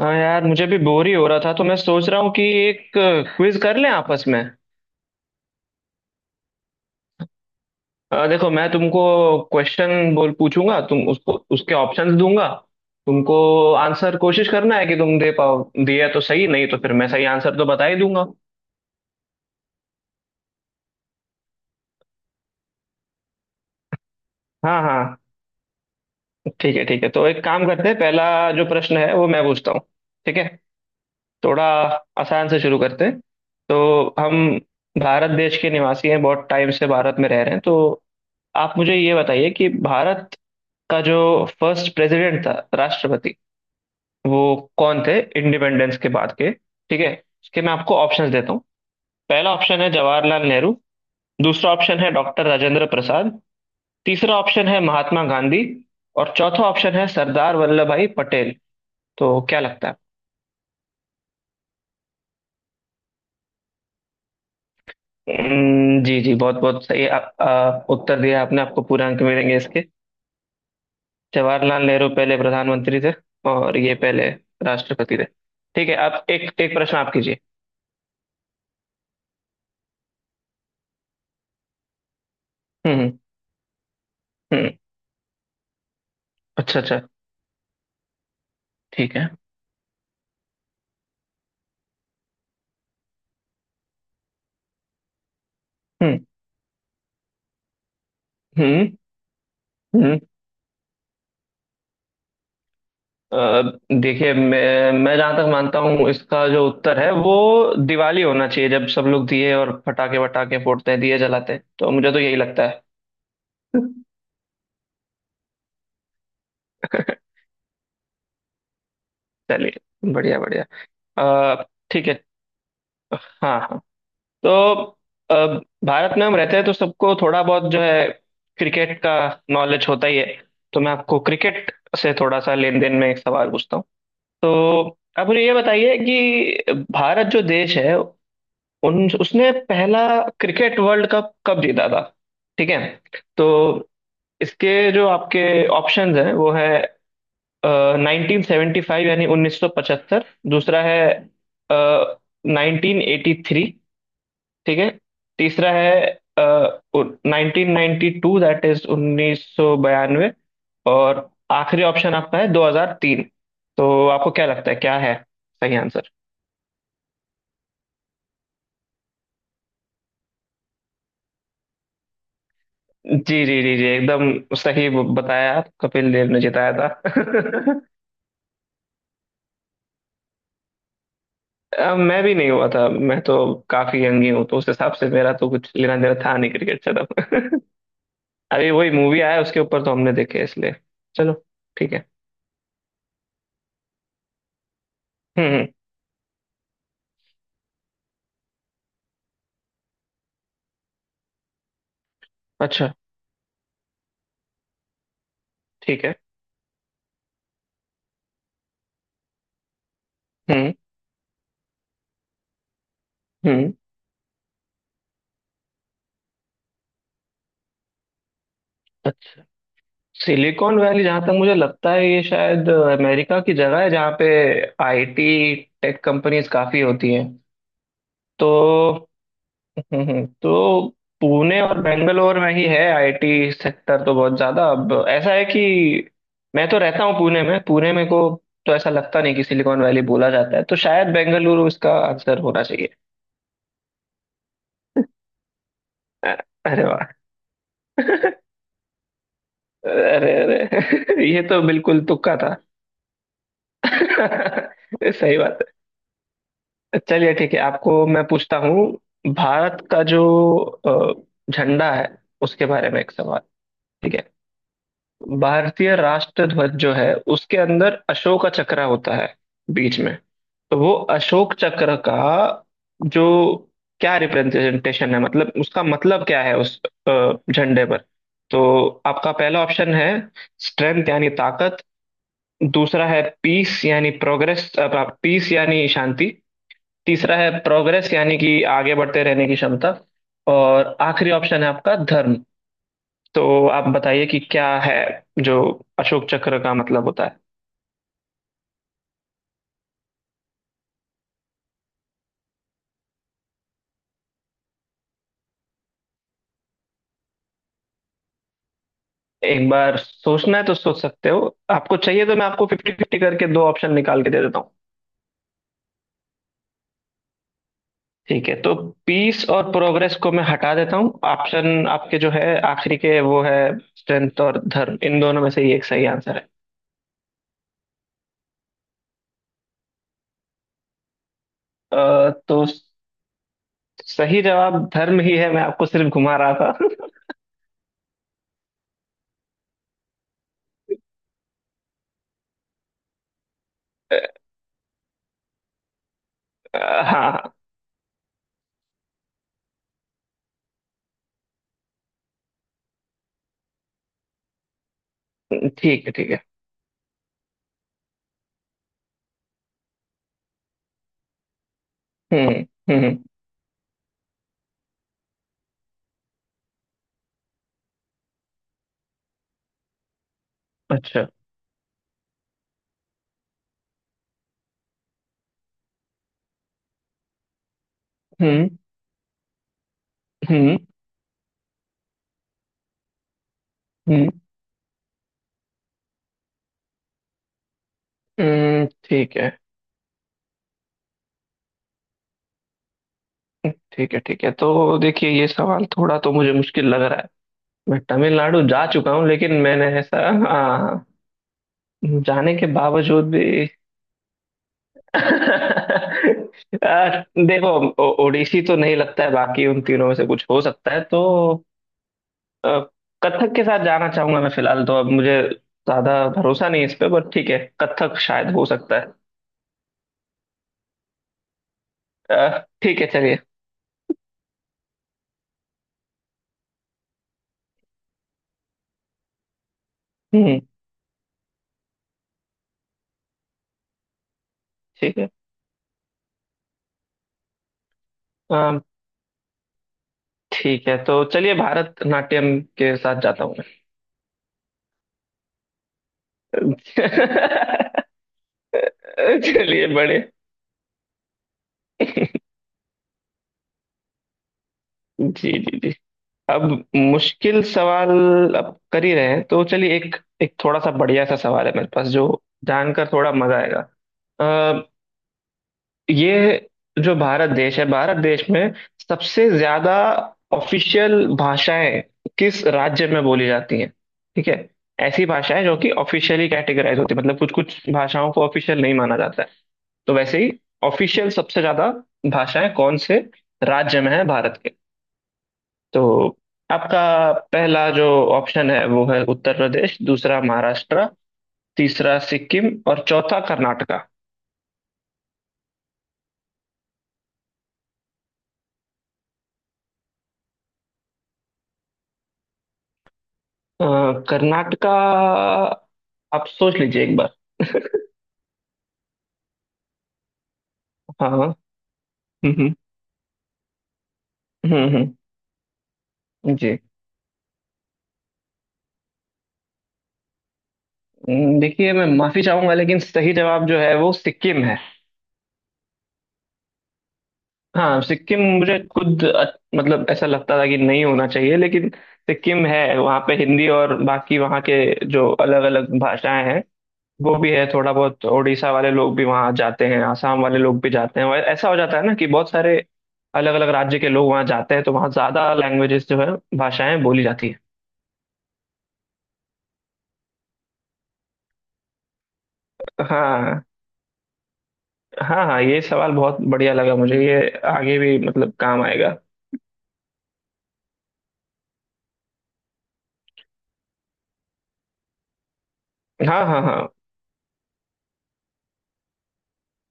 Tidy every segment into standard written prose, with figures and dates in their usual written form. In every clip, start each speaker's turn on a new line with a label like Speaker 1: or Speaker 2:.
Speaker 1: हाँ यार, मुझे भी बोर ही हो रहा था तो मैं सोच रहा हूँ कि एक क्विज कर लें आपस में। देखो, मैं तुमको क्वेश्चन बोल पूछूंगा, तुम उसको, उसके ऑप्शंस दूंगा तुमको। आंसर कोशिश करना है कि तुम दे पाओ, दिया तो सही, नहीं तो फिर मैं सही आंसर तो बता ही दूंगा। हाँ हाँ। ठीक है ठीक है, तो एक काम करते हैं, पहला जो प्रश्न है वो मैं पूछता हूँ। ठीक है। थोड़ा आसान से शुरू करते हैं। तो हम भारत देश के निवासी हैं, बहुत टाइम से भारत में रह रहे हैं, तो आप मुझे ये बताइए कि भारत का जो फर्स्ट प्रेसिडेंट था, राष्ट्रपति, वो कौन थे इंडिपेंडेंस के बाद के। ठीक है, इसके मैं आपको ऑप्शंस देता हूँ। पहला ऑप्शन है जवाहरलाल नेहरू। दूसरा ऑप्शन है डॉक्टर राजेंद्र प्रसाद। तीसरा ऑप्शन है महात्मा गांधी। और चौथा ऑप्शन है सरदार वल्लभ भाई पटेल। तो क्या लगता है? जी जी, बहुत बहुत सही आप, उत्तर दिया आपने, आपको पूरे अंक मिलेंगे इसके। जवाहरलाल नेहरू पहले प्रधानमंत्री थे और ये पहले राष्ट्रपति थे। ठीक है, आप एक एक प्रश्न आप कीजिए। हम्म हम्म हम्म। अच्छा अच्छा। ठीक है। हम्म हम्म हम्म। अ, देखिए, मैं जहां तक मानता हूँ, इसका जो उत्तर है वो दिवाली होना चाहिए, जब सब लोग दिए और पटाखे वटाखे फोड़ते हैं, दिए जलाते हैं, तो मुझे तो यही लगता है। चलिए, बढ़िया बढ़िया। अ, ठीक है। हाँ हाँ। तो अ, भारत में हम रहते हैं तो सबको थोड़ा बहुत जो है, क्रिकेट का नॉलेज होता ही है। तो मैं आपको क्रिकेट से थोड़ा सा लेन देन में एक सवाल पूछता हूँ। तो आप मुझे ये बताइए कि भारत जो देश है, उन उसने पहला क्रिकेट वर्ल्ड कप कब जीता था। ठीक है, तो इसके जो आपके ऑप्शंस हैं वो है नाइनटीन सेवेंटी फाइव, यानी उन्नीस सौ पचहत्तर। दूसरा है नाइनटीन एटी थ्री। ठीक है। तीसरा है nineteen ninety two, that is उन्नीस सौ बयानवे। और आखिरी ऑप्शन आपका है 2003। तो आपको क्या लगता है, क्या है सही? जी जी जी जी, एकदम सही बताया आप, कपिल देव ने जिताया था। मैं भी नहीं हुआ था, मैं तो काफी यंग ही हूँ, तो उस हिसाब से मेरा तो कुछ लेना देना था नहीं क्रिकेट से तब। अभी वही मूवी आया उसके ऊपर तो हमने देखे इसलिए। चलो, ठीक है। हम्म हम्म, अच्छा, ठीक है। हम्म हम्म। अच्छा। सिलिकॉन वैली, जहां तक मुझे लगता है, ये शायद अमेरिका की जगह है जहाँ पे आईटी टेक कंपनीज काफी होती हैं। तो तो पुणे और बेंगलोर में ही है आईटी सेक्टर, तो बहुत ज्यादा। अब ऐसा है कि मैं तो रहता हूँ पुणे में को तो ऐसा लगता नहीं कि सिलिकॉन वैली बोला जाता है, तो शायद बेंगलुरु इसका आंसर होना चाहिए। अ- अरे वाह। अरे अरे, ये तो बिल्कुल तुक्का था। सही बात है। चलिए ठीक है, आपको मैं पूछता हूँ। भारत का जो झंडा है, उसके बारे में एक सवाल। ठीक है। भारतीय राष्ट्र ध्वज जो है, उसके अंदर अशोक चक्र होता है बीच में। तो वो अशोक चक्र का जो क्या रिप्रेजेंटेशन है, मतलब उसका मतलब क्या है उस झंडे पर। तो आपका पहला ऑप्शन है स्ट्रेंथ, यानी ताकत। दूसरा है पीस, यानी प्रोग्रेस, पीस यानी शांति। तीसरा है प्रोग्रेस, यानी कि आगे बढ़ते रहने की क्षमता। और आखिरी ऑप्शन है आपका धर्म। तो आप बताइए कि क्या है जो अशोक चक्र का मतलब होता है। एक बार सोचना है तो सोच सकते हो, आपको चाहिए तो मैं आपको फिफ्टी फिफ्टी करके दो ऑप्शन निकाल के दे देता हूँ। ठीक है, तो पीस और प्रोग्रेस को मैं हटा देता हूँ, ऑप्शन आपके जो है आखिरी के, वो है स्ट्रेंथ और धर्म। इन दोनों में से ही एक सही आंसर है। तो सही जवाब धर्म ही है, मैं आपको सिर्फ घुमा रहा था। अ, हाँ। ठीक है ठीक है। हम्म हम्म। अच्छा। हम्म हम्म हम्म हम्म। ठीक है ठीक है ठीक है, तो देखिए, ये सवाल थोड़ा तो मुझे मुश्किल लग रहा है। मैं तमिलनाडु जा चुका हूँ लेकिन मैंने ऐसा, हाँ, जाने के बावजूद भी। आ, देखो, ओडिसी तो नहीं लगता है, बाकी उन तीनों में से कुछ हो सकता है। तो आ, कथक के साथ जाना चाहूंगा मैं फिलहाल, तो अब मुझे ज्यादा भरोसा नहीं इस पे, बट ठीक है, कथक शायद हो सकता है। ठीक है, चलिए। हम्म। ठीक है। आ, ठीक है, तो चलिए, भारत नाट्यम के साथ जाता हूँ मैं। चलिए, बड़े। जी जी जी। अब मुश्किल सवाल अब कर ही रहे हैं, तो चलिए एक, एक थोड़ा सा बढ़िया सा सवाल है मेरे पास, जो जानकर थोड़ा मजा आएगा। अ, ये जो भारत देश है, भारत देश में सबसे ज्यादा ऑफिशियल भाषाएं किस राज्य में बोली जाती हैं? ठीक है। ऐसी भाषाएं जो कि ऑफिशियली कैटेगराइज होती है, मतलब कुछ कुछ भाषाओं को ऑफिशियल नहीं माना जाता है, तो वैसे ही ऑफिशियल सबसे ज्यादा भाषाएं कौन से राज्य में है भारत के। तो आपका पहला जो ऑप्शन है वो है उत्तर प्रदेश। दूसरा महाराष्ट्र। तीसरा सिक्किम। और चौथा कर्नाटका। अ, कर्नाटका, आप सोच लीजिए एक बार। हाँ हाँ। हम्म हम्म हम्म हम्म, जी। देखिए, मैं माफी चाहूंगा लेकिन सही जवाब जो है वो सिक्किम है। हाँ, सिक्किम, मुझे खुद मतलब ऐसा लगता था कि नहीं होना चाहिए, लेकिन सिक्किम है। वहाँ पे हिंदी और बाकी वहाँ के जो अलग अलग भाषाएं हैं वो भी है। थोड़ा बहुत उड़ीसा वाले लोग भी वहाँ जाते हैं, आसाम वाले लोग भी जाते हैं। ऐसा हो जाता है ना कि बहुत सारे अलग अलग राज्य के लोग वहाँ जाते हैं, तो वहाँ ज्यादा लैंग्वेजेस जो है, भाषाएं बोली जाती है। हाँ हाँ हाँ, ये सवाल बहुत बढ़िया लगा मुझे, ये आगे भी मतलब काम आएगा। हाँ हाँ हाँ।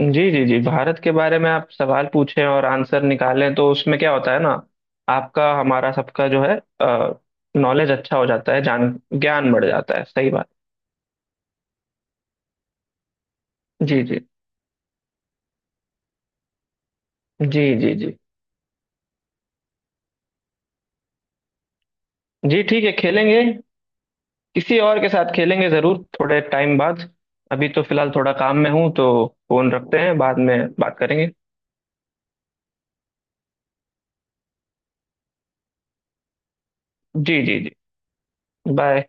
Speaker 1: जी जी जी, भारत के बारे में आप सवाल पूछें और आंसर निकालें तो उसमें क्या होता है ना, आपका हमारा सबका जो है नॉलेज अच्छा हो जाता है, जान ज्ञान बढ़ जाता है। सही बात। जी जी जी जी। जी जी, ठीक है, खेलेंगे। किसी और के साथ खेलेंगे जरूर थोड़े टाइम बाद। अभी तो फिलहाल थोड़ा काम में हूँ, तो फोन रखते हैं, बाद में बात करेंगे। जी जी जी। बाय।